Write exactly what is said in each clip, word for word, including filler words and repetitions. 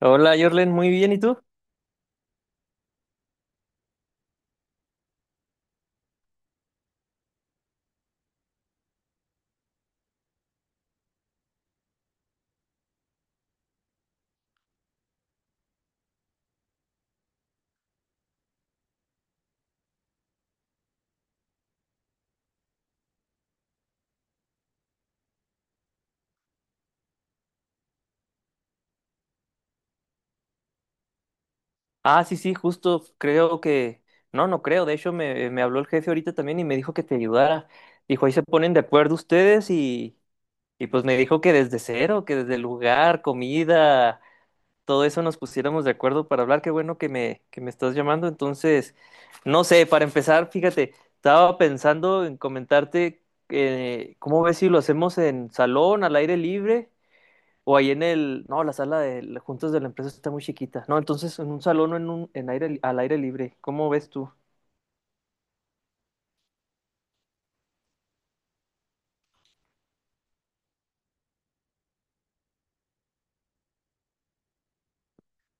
Hola, Jorlen, muy bien, ¿y tú? Ah, sí, sí, justo creo que... No, no creo, de hecho me, me habló el jefe ahorita también y me dijo que te ayudara. Dijo, ahí se ponen de acuerdo ustedes y, y pues me dijo que desde cero, que desde el lugar, comida, todo eso nos pusiéramos de acuerdo para hablar. Qué bueno que me, que me estás llamando. Entonces, no sé, para empezar, fíjate, estaba pensando en comentarte eh, cómo ves si lo hacemos en salón, al aire libre. O ahí en el, no, la sala de juntas de la empresa está muy chiquita. No, entonces en un salón o en un, en aire, li- al aire libre. ¿Cómo ves tú?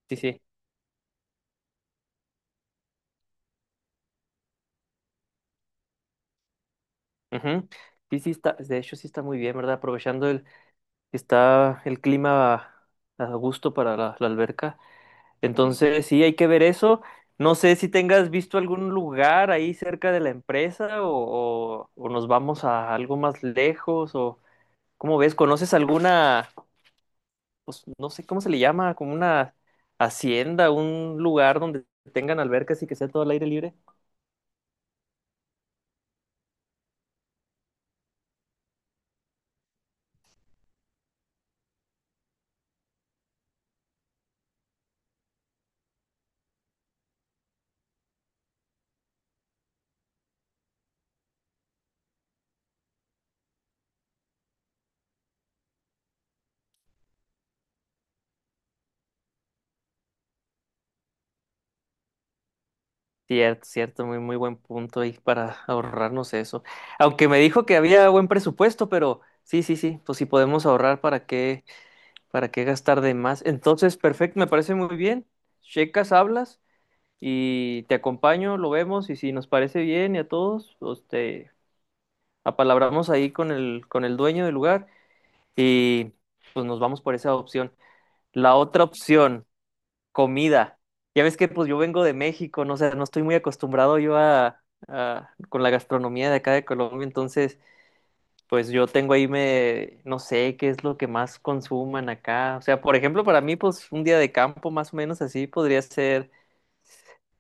Sí, sí. Ujú. Sí, sí está, de hecho sí está muy bien, ¿verdad? Aprovechando el, está el clima a, a gusto para la, la alberca. Entonces sí, hay que ver eso. No sé si tengas visto algún lugar ahí cerca de la empresa o, o, o nos vamos a algo más lejos o ¿cómo ves? ¿Conoces alguna? Pues no sé cómo se le llama, como una hacienda, un lugar donde tengan albercas y que sea todo al aire libre. Cierto, cierto, muy, muy buen punto ahí para ahorrarnos eso. Aunque me dijo que había buen presupuesto, pero sí, sí, sí, pues si podemos ahorrar, ¿para qué, para qué gastar de más? Entonces, perfecto, me parece muy bien. Checas, hablas y te acompaño, lo vemos y si nos parece bien y a todos, pues te apalabramos ahí con el, con el dueño del lugar y pues nos vamos por esa opción. La otra opción, comida. Ya ves que pues yo vengo de México, no sé, no estoy muy acostumbrado yo a, a- con la gastronomía de acá de Colombia, entonces pues yo tengo ahí me, no sé qué es lo que más consuman acá. O sea, por ejemplo, para mí pues un día de campo más o menos así podría ser,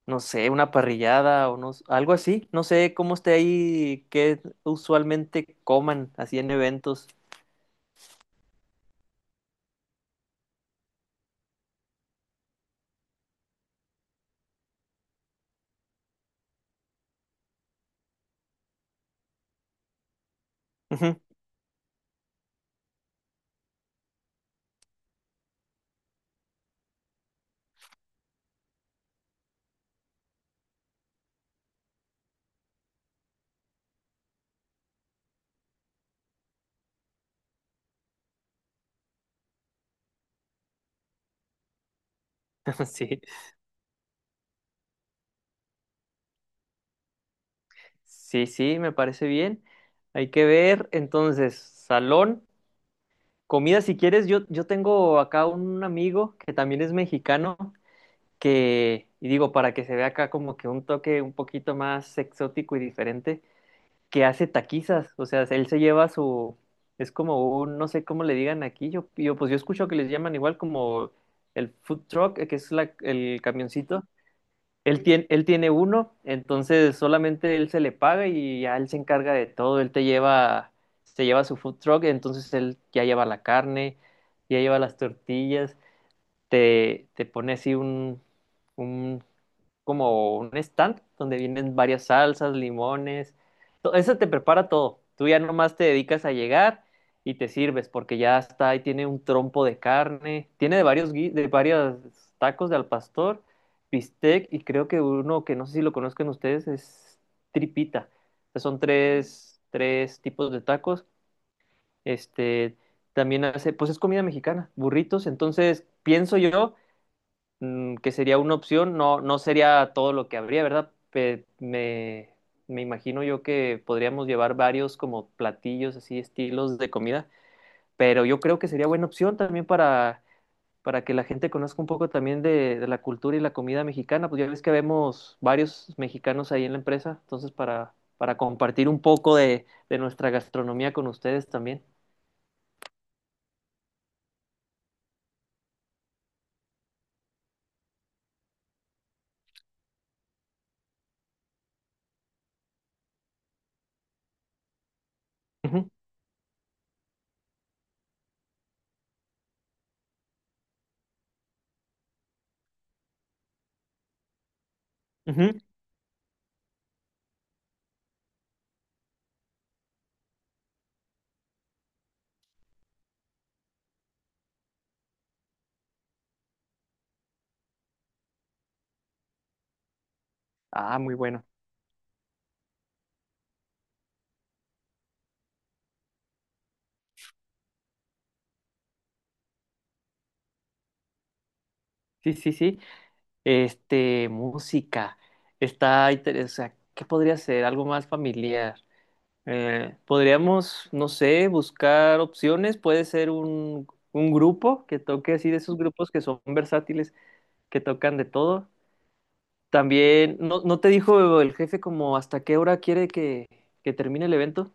no sé, una parrillada o no, s- algo así. No sé cómo esté ahí, qué usualmente coman así en eventos. Ujú, sí. Sí, sí, me parece bien. Hay que ver, entonces, salón, comida, si quieres, yo, yo tengo acá un amigo que también es mexicano, que, y digo, para que se vea acá como que un toque un poquito más exótico y diferente, que hace taquizas, o sea, él se lleva su, es como un, no sé cómo le digan aquí, yo, yo pues yo escucho que les llaman igual como el food truck, que es la, el camioncito él tiene, él tiene uno, entonces solamente él se le paga y ya él se encarga de todo. Él te lleva, se lleva su food truck, entonces él ya lleva la carne, ya lleva las tortillas, te, te pone así un, un como un stand donde vienen varias salsas, limones, to- eso te prepara todo. Tú ya nomás te dedicas a llegar y te sirves porque ya está ahí, tiene un trompo de carne, tiene de varios gui- de varios tacos de al pastor, bistec y creo que uno que no sé si lo conozcan ustedes es tripita. O sea, son tres tres tipos de tacos. Este también hace, pues es comida mexicana, burritos, entonces pienso yo, mm, que sería una opción, no, no sería todo lo que habría, ¿verdad? Pe- me, me imagino yo que podríamos llevar varios como platillos, así, estilos de comida, pero yo creo que sería buena opción también para, para que la gente conozca un poco también de, de la cultura y la comida mexicana, pues ya ves que vemos varios mexicanos ahí en la empresa, entonces para, para compartir un poco de, de nuestra gastronomía con ustedes también. Ujú, ujú. Ah, muy bueno. Sí, sí, sí. Este, música. Está interesante. ¿Qué podría ser? Algo más familiar. Eh, podríamos, no sé, buscar opciones. Puede ser un, un grupo que toque así, de esos grupos que son versátiles, que tocan de todo. También, ¿no, no te dijo el jefe como hasta qué hora quiere que, que termine el evento?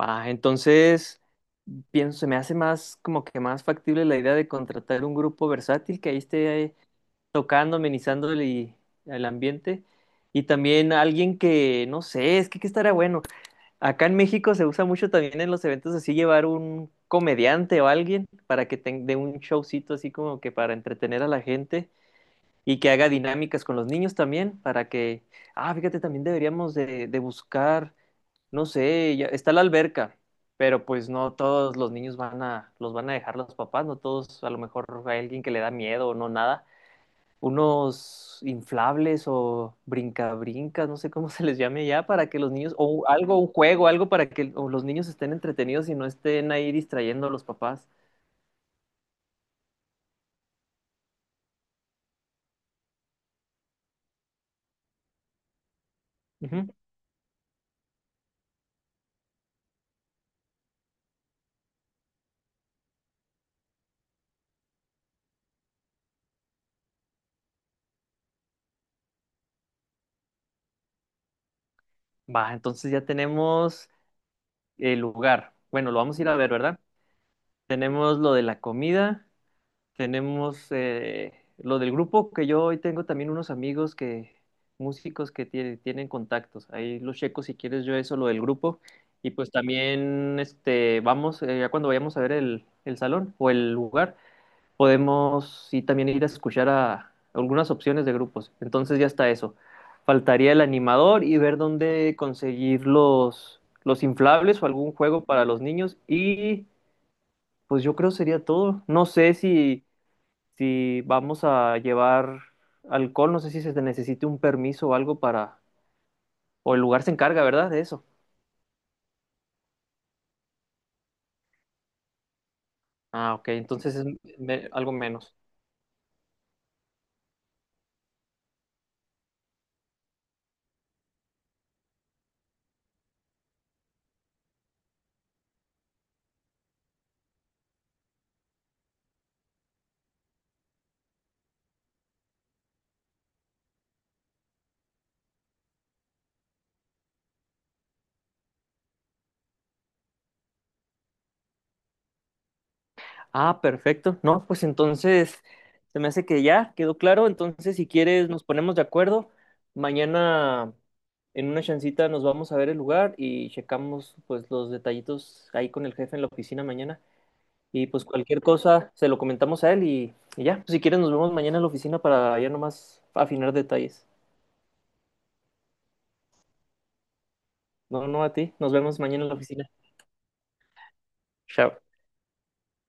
Va, entonces pienso, se me hace más como que más factible la idea de contratar un grupo versátil que ahí esté tocando, amenizando el el ambiente. Y también alguien que, no sé, es que qué estaría bueno. Acá en México se usa mucho también en los eventos así llevar un comediante o alguien para que tenga un showcito así como que para entretener a la gente y que haga dinámicas con los niños también para que, ah, fíjate, también deberíamos de, de buscar, no sé, ya- está la alberca, pero pues no todos los niños van a, los van a dejar los papás, no todos, a lo mejor hay alguien que le da miedo o no, nada, unos inflables o brincabrincas, no sé cómo se les llame ya, para que los niños, o algo, un juego, algo para que o los niños estén entretenidos y no estén ahí distrayendo a los papás. Ujú. Va, entonces ya tenemos el lugar. Bueno, lo vamos a ir a ver, ¿verdad? Tenemos lo de la comida. Tenemos eh, lo del grupo, que yo hoy tengo también unos amigos que, músicos que tiene- tienen contactos. Ahí los checo si quieres yo eso, lo del grupo. Y pues también este, vamos, eh, ya cuando vayamos a ver el, el salón o el lugar, podemos sí también ir a escuchar a algunas opciones de grupos. Entonces ya está eso. Faltaría el animador y ver dónde conseguir los, los inflables o algún juego para los niños. Y pues yo creo sería todo. No sé si... Si vamos a llevar alcohol, no sé si se necesite un permiso o algo para... O el lugar se encarga, ¿verdad? De eso. Ah, ok, entonces es me- algo menos. Ah, perfecto. No, pues entonces se me hace que ya quedó claro. Entonces, si quieres, nos ponemos de acuerdo. Mañana, en una chancita, nos vamos a ver el lugar y checamos pues los detallitos ahí con el jefe en la oficina mañana. Y pues cualquier cosa se lo comentamos a él y, y ya. Pues, si quieres, nos vemos mañana en la oficina para ya nomás afinar detalles. No, no, a ti. Nos vemos mañana en la oficina. Chao.